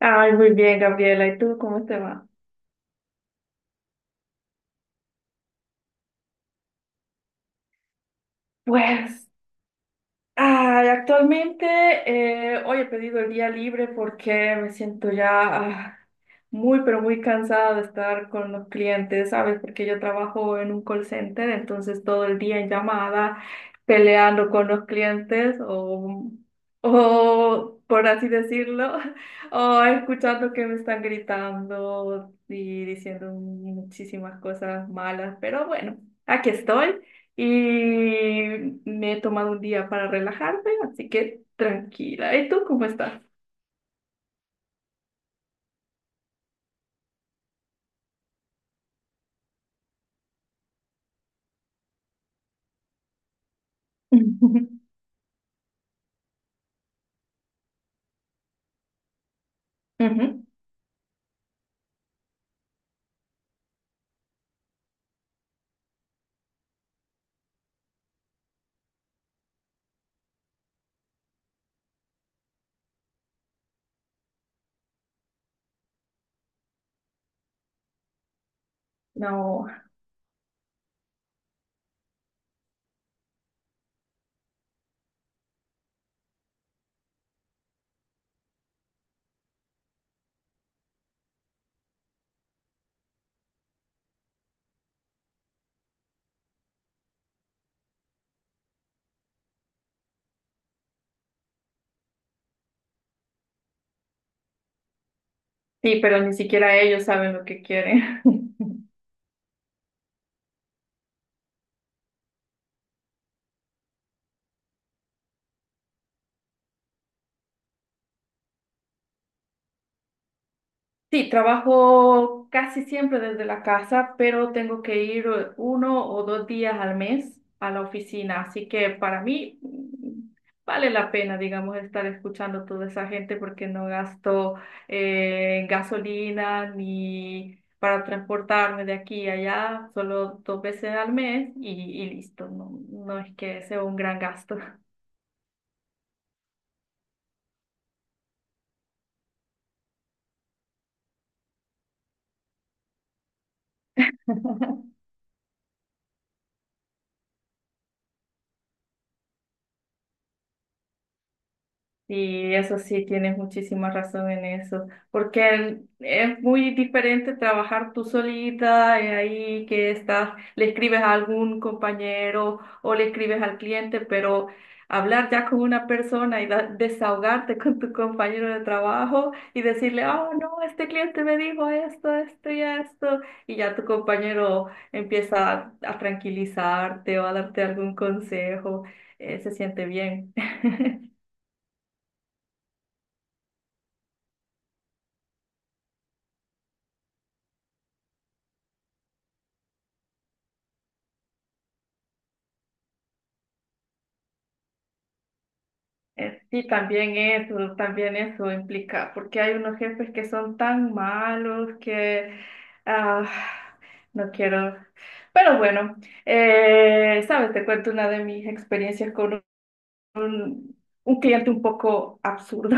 Ay, muy bien, Gabriela. ¿Y tú cómo te va? Pues, ay, actualmente hoy he pedido el día libre porque me siento ya muy, pero muy cansada de estar con los clientes, ¿sabes? Porque yo trabajo en un call center, entonces todo el día en llamada, peleando con los clientes o por así decirlo, o escuchando que me están gritando y diciendo muchísimas cosas malas, pero bueno, aquí estoy. Y me he tomado un día para relajarme, así que tranquila. ¿Y tú cómo estás? Ujú. No, sí, pero ni siquiera ellos saben lo que quieren. Sí, trabajo casi siempre desde la casa, pero tengo que ir 1 o 2 días al mes a la oficina, así que para mí, vale la pena, digamos, estar escuchando a toda esa gente porque no gasto gasolina ni para transportarme de aquí a allá, solo dos veces al mes y listo, no, no es que sea un gran gasto. Y eso sí, tienes muchísima razón en eso, porque es muy diferente trabajar tú solita, ahí que estás, le escribes a algún compañero o le escribes al cliente, pero hablar ya con una persona y desahogarte con tu compañero de trabajo y decirle, oh, no, este cliente me dijo esto, esto y esto, y ya tu compañero empieza a tranquilizarte o a darte algún consejo, se siente bien. Sí, también eso implica, porque hay unos jefes que son tan malos que ah, no quiero. Pero bueno, sabes, te cuento una de mis experiencias con un, un cliente un poco absurdo,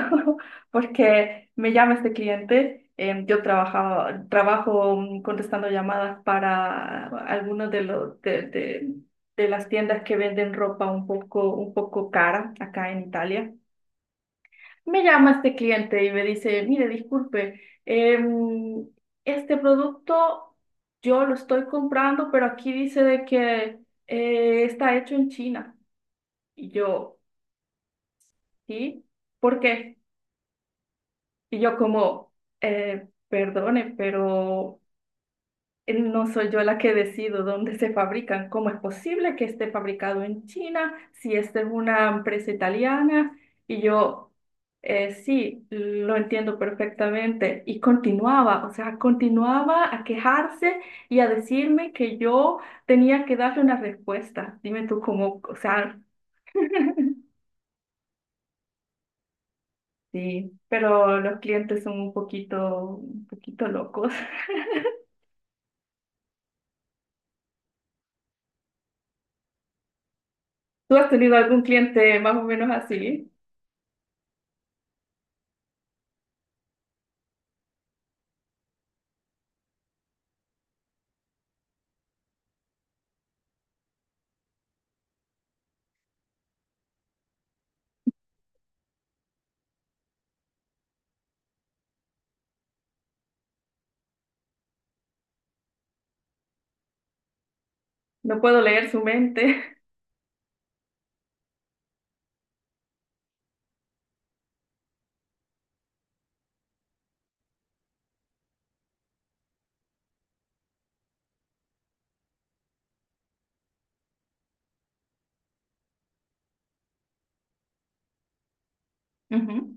porque me llama este cliente. Yo trabajo contestando llamadas para algunos de los de las tiendas que venden ropa un poco cara acá en Italia. Me llama este cliente y me dice, mire, disculpe, este producto yo lo estoy comprando, pero aquí dice de que está hecho en China. Y yo, ¿sí? ¿Por qué? Y yo como, Perdone, pero no soy yo la que decido dónde se fabrican. ¿Cómo es posible que esté fabricado en China si esta es una empresa italiana?" Y yo, sí, lo entiendo perfectamente. Y continuaba, o sea, continuaba a quejarse y a decirme que yo tenía que darle una respuesta. Dime tú cómo, o sea, sí, pero los clientes son un poquito locos. ¿Tú has tenido algún cliente más o menos así? No puedo leer su mente. Ujú.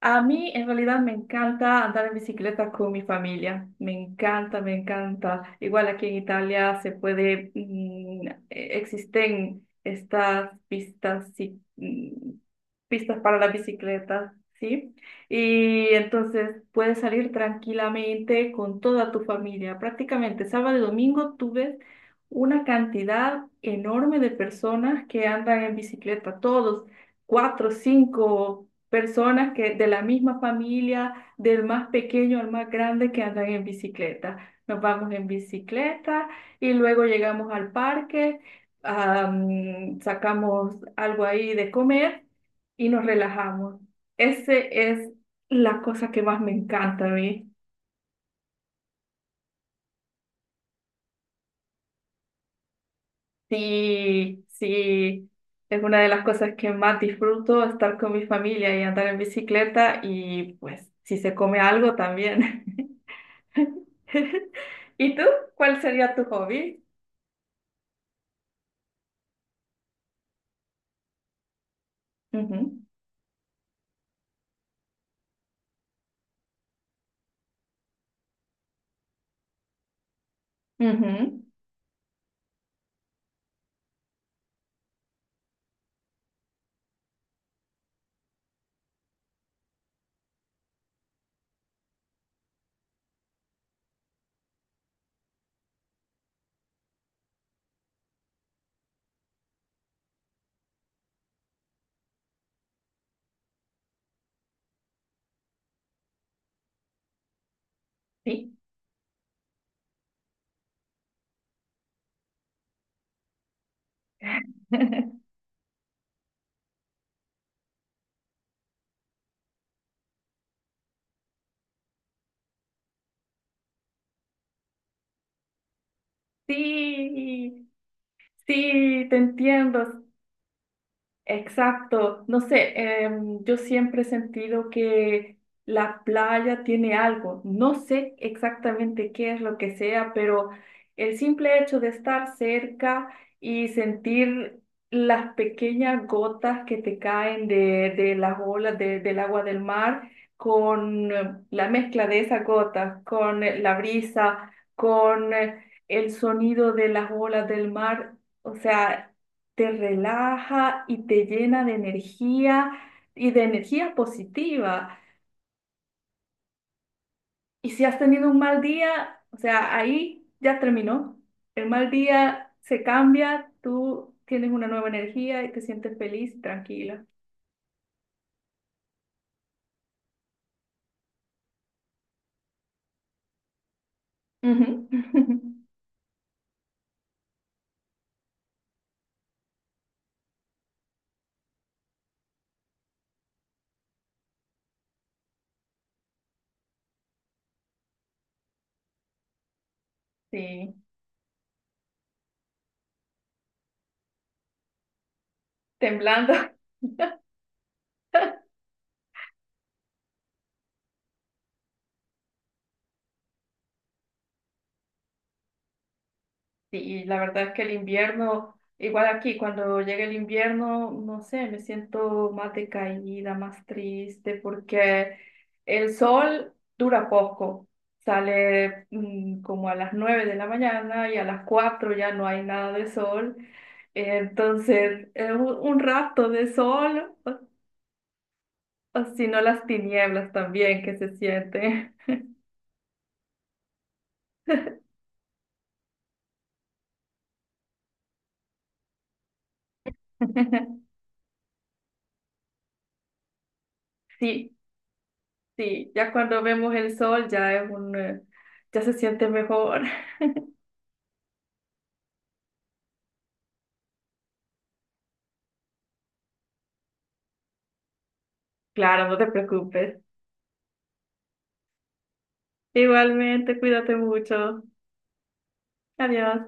A mí en realidad me encanta andar en bicicleta con mi familia, me encanta, me encanta. Igual aquí en Italia se puede, existen estas pistas, sí, pistas para la bicicleta, ¿sí? Y entonces puedes salir tranquilamente con toda tu familia. Prácticamente sábado y domingo tú ves una cantidad enorme de personas que andan en bicicleta, todos cuatro, cinco personas que de la misma familia, del más pequeño al más grande que andan en bicicleta. Nos vamos en bicicleta y luego llegamos al parque, sacamos algo ahí de comer y nos relajamos. Ese es la cosa que más me encanta a mí. Sí, sí, es una de las cosas que más disfruto, estar con mi familia y andar en bicicleta y pues si se come algo también. ¿Y tú? ¿Cuál sería tu hobby? Ujú, ujú, sí. Sí, sí, te entiendo, exacto, no sé, yo siempre he sentido que la playa tiene algo, no sé exactamente qué es lo que sea, pero el simple hecho de estar cerca y sentir las pequeñas gotas que te caen de las olas del agua del mar, con la mezcla de esas gotas, con la brisa, con el sonido de las olas del mar, o sea, te relaja y te llena de energía y de energía positiva. Y si has tenido un mal día, o sea, ahí ya terminó. El mal día se cambia, tú tienes una nueva energía y te sientes feliz, tranquila. Ujú. Sí, temblando. Sí, y la verdad es que el invierno, igual aquí, cuando llega el invierno, no sé, me siento más decaída, más triste, porque el sol dura poco. Sale como a las 9 de la mañana y a las 4 ya no hay nada de sol. Entonces, un rato de sol, o si no las tinieblas también que se siente. Sí, sí, ya cuando vemos el sol ya es un, ya se siente mejor. Claro, no te preocupes. Igualmente, cuídate mucho. Adiós.